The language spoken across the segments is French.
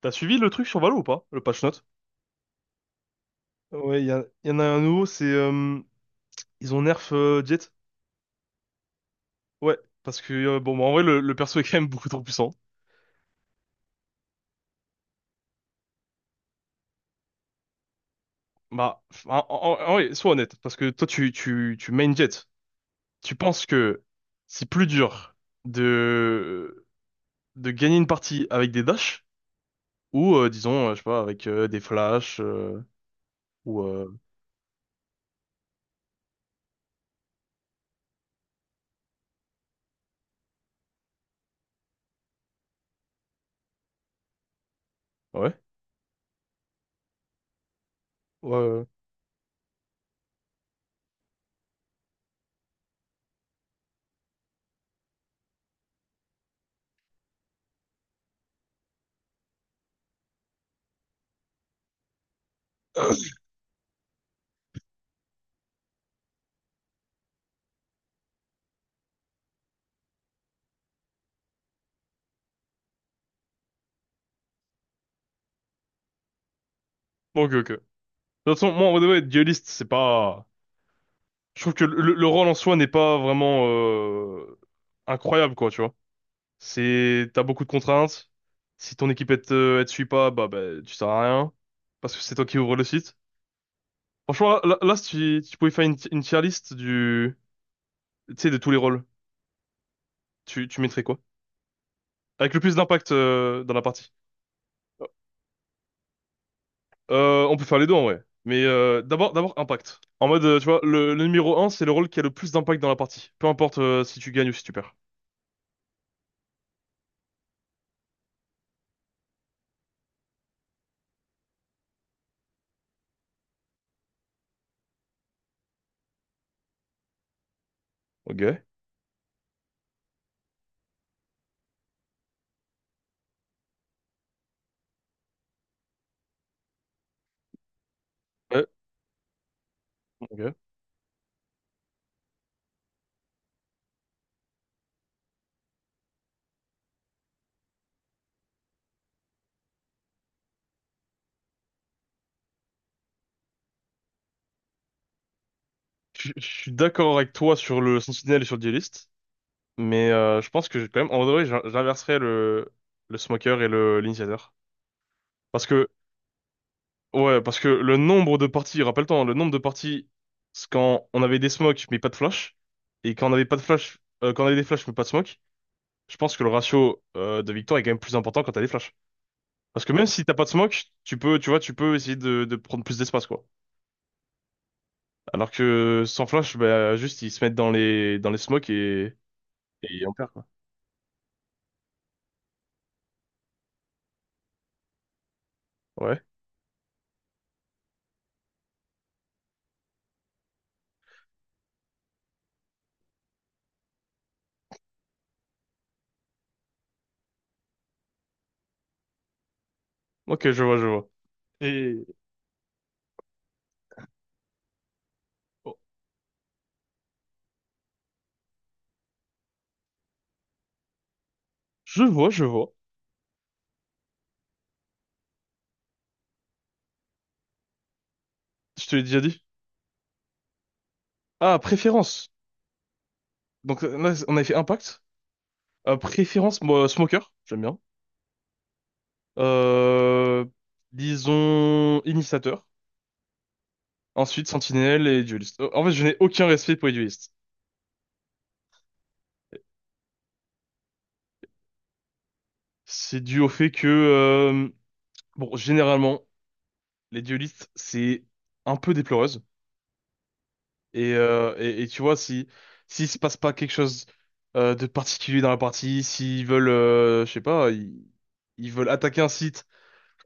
T'as suivi le truc sur Valo ou pas? Le patch note? Ouais, y en a un nouveau, c'est ils ont nerf Jet. Ouais, parce que bon, bah, en vrai, le perso est quand même beaucoup trop puissant. Bah, en vrai, sois honnête, parce que toi, tu main Jet. Tu penses que c'est plus dur de, de gagner une partie avec des dashs ou, disons, je sais pas, avec des flashs ou. Ouais, ouais. Ouais. Ok, ok. De toute façon, moi, en vrai, de vrai, dueliste, c'est pas. Je trouve que le rôle en soi n'est pas vraiment incroyable, quoi, tu vois. C'est, t'as beaucoup de contraintes. Si ton équipe elle te suit pas, bah tu sers à rien. Parce que c'est toi qui ouvre le site. Franchement, là, si si tu pouvais faire une tier list tu sais, de tous les rôles, tu mettrais quoi? Avec le plus d'impact dans la partie. On peut faire les deux en vrai. Mais d'abord, d'abord impact. En mode, tu vois, le numéro un, c'est le rôle qui a le plus d'impact dans la partie. Peu importe si tu gagnes ou si tu perds. Ok. Ouais, ok. Je suis d'accord avec toi sur le Sentinel et sur le Duelist, mais je pense que j'ai quand même, en vrai, j'inverserais le Smoker et le l'Initiateur. Parce que, ouais, parce que le nombre de parties, rappelle-toi, hein, le nombre de parties, c'est quand on avait des smokes mais pas de flash, et quand on avait pas de flash, quand on avait des flashs mais pas de smoke, je pense que le ratio de victoire est quand même plus important quand t'as des flashs. Parce que même si t'as pas de smoke, tu peux, tu vois, tu peux essayer de prendre plus d'espace, quoi. Alors que sans flash, bah, juste ils se mettent dans les smokes et on perd, quoi. Ouais. Ok, je vois, je vois. Et oh, je vois, je vois. Je te l'ai déjà dit. Ah, préférence. Donc là, on avait fait Impact. Préférence, moi, Smoker, j'aime bien. Euh, disons Initiateur. Ensuite Sentinelle et Dueliste. En fait, je n'ai aucun respect pour les duelistes. C'est dû au fait que, bon, généralement, les duelistes, c'est un peu déploreux. Et, et tu vois, si s'il se passe pas quelque chose de particulier dans la partie, s'ils veulent, je sais pas, ils veulent attaquer un site,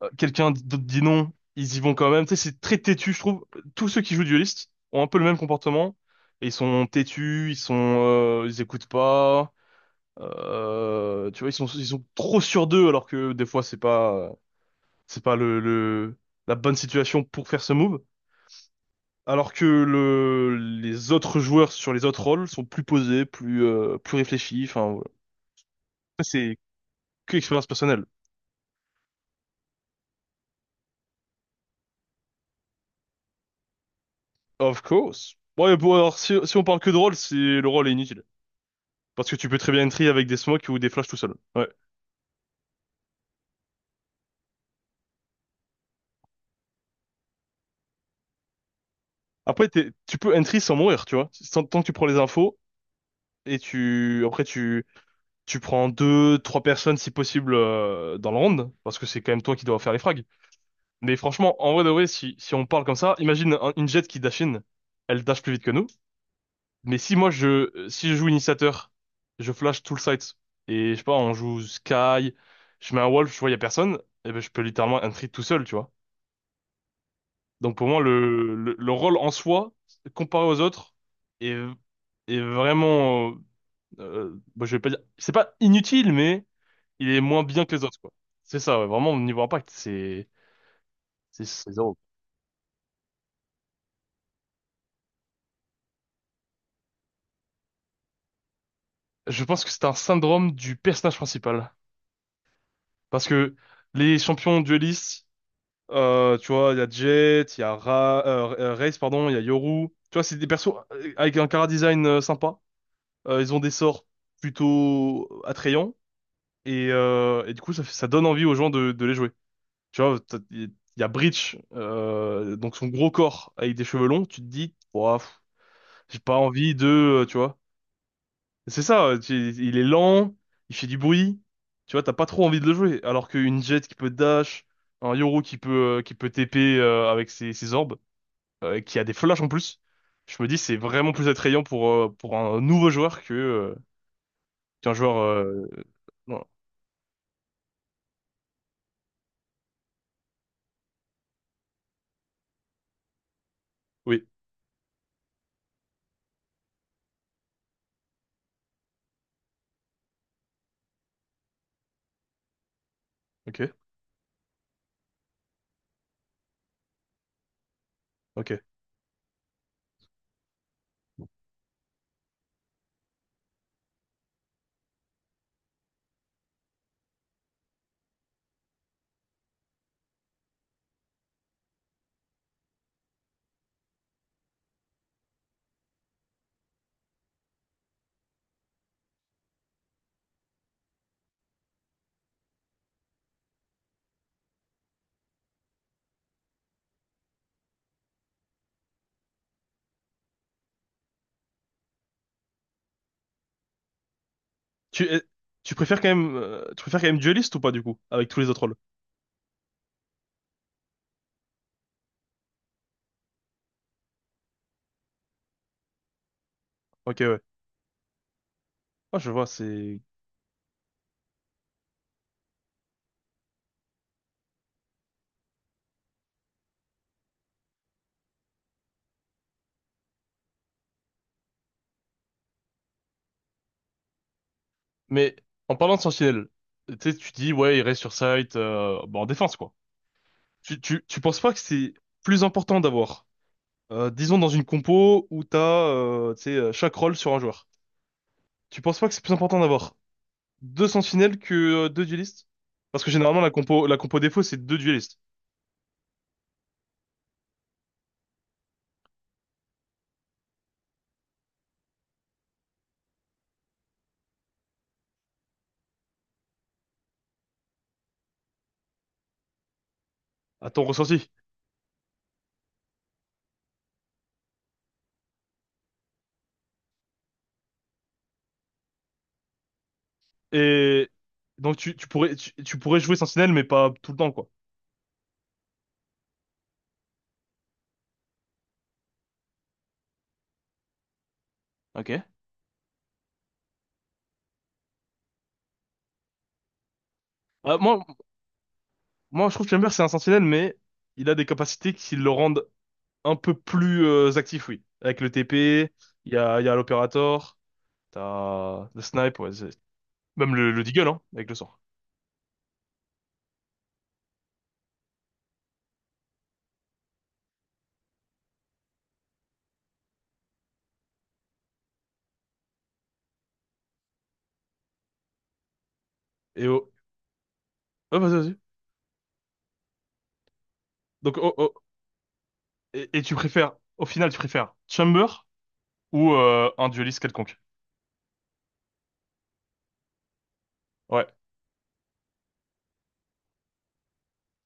quelqu'un d'autre dit non, ils y vont quand même. Tu sais, c'est très têtu, je trouve. Tous ceux qui jouent Duelist ont un peu le même comportement. Et ils sont têtus, ils écoutent pas. Tu vois, ils sont trop sur d'eux alors que des fois c'est pas la bonne situation pour faire ce move. Alors que les autres joueurs sur les autres rôles sont plus posés, plus réfléchis. Enfin, voilà. Ça, c'est que expérience personnelle. Of course. Ouais, bon, alors, si on parle que de rôle, c'est, le rôle est inutile. Parce que tu peux très bien entry avec des smokes ou des flashs tout seul. Ouais. Après, tu peux entry sans mourir, tu vois. Sans- tant que tu prends les infos, et tu prends deux, trois personnes, si possible, dans le round. Parce que c'est quand même toi qui dois faire les frags. Mais franchement, en vrai de vrai, si on parle comme ça, imagine une jet qui dash in. Elle dash plus vite que nous. Mais si je joue initiateur, je flash tout le site. Et je sais pas, on joue Sky, je mets un wolf, je vois y a personne, et ben je peux littéralement entry tout seul, tu vois. Donc pour moi, le rôle en soi, comparé aux autres, est, est vraiment, bon, je vais pas dire, c'est pas inutile, mais il est moins bien que les autres, quoi. C'est ça, ouais, vraiment, au niveau impact, c'est, c'est zéro. Je pense que c'est un syndrome du personnage principal. Parce que les champions duellistes, tu vois, il y a Jet, il y a Ra Raze, pardon, il y a Yoru. Tu vois, c'est des persos avec un chara design sympa. Ils ont des sorts plutôt attrayants. Et, du coup, ça donne envie aux gens de les jouer. Tu vois, il y a Breach, donc son gros corps avec des cheveux longs. Tu te dis, ouah, pff, j'ai pas envie de, tu vois. C'est ça, il est lent, il fait du bruit. Tu vois, t'as pas trop envie de le jouer. Alors qu'une Jet qui peut dash, un Yoru qui peut, qui peut TP avec ses, ses orbes. Qui a des flashs en plus, je me dis c'est vraiment plus attrayant pour un nouveau joueur que qu'un joueur. Non. Oui. Ok. Ok. Tu euh, tu préfères quand même tu préfères quand même Duelist ou pas du coup avec tous les autres rôles? Ok, ouais. Ah, je vois c'est. Mais en parlant de Sentinelle, tu sais tu dis ouais il reste sur site, bon, en défense quoi. Tu penses pas que c'est plus important d'avoir disons dans une compo où t'as tu sais chaque rôle sur un joueur. Tu penses pas que c'est plus important d'avoir deux sentinelles que deux duellistes. Parce que généralement, la compo défaut, c'est deux duellistes, à ton ressenti. Et donc, tu pourrais, tu pourrais jouer sentinelle, mais pas tout le temps, quoi. Ok. Euh, moi, moi, je trouve que Chamber, c'est un sentinelle, mais il a des capacités qui le rendent un peu plus actif, oui. Avec le TP, il y a l'Opérator, t'as le Snipe, ouais, c'est- même le Deagle, hein, avec le sort. Et oh, oh, vas-y, vas-y. Donc, oh, oh, et tu préfères, au final, tu préfères Chamber ou un dueliste quelconque? Ouais.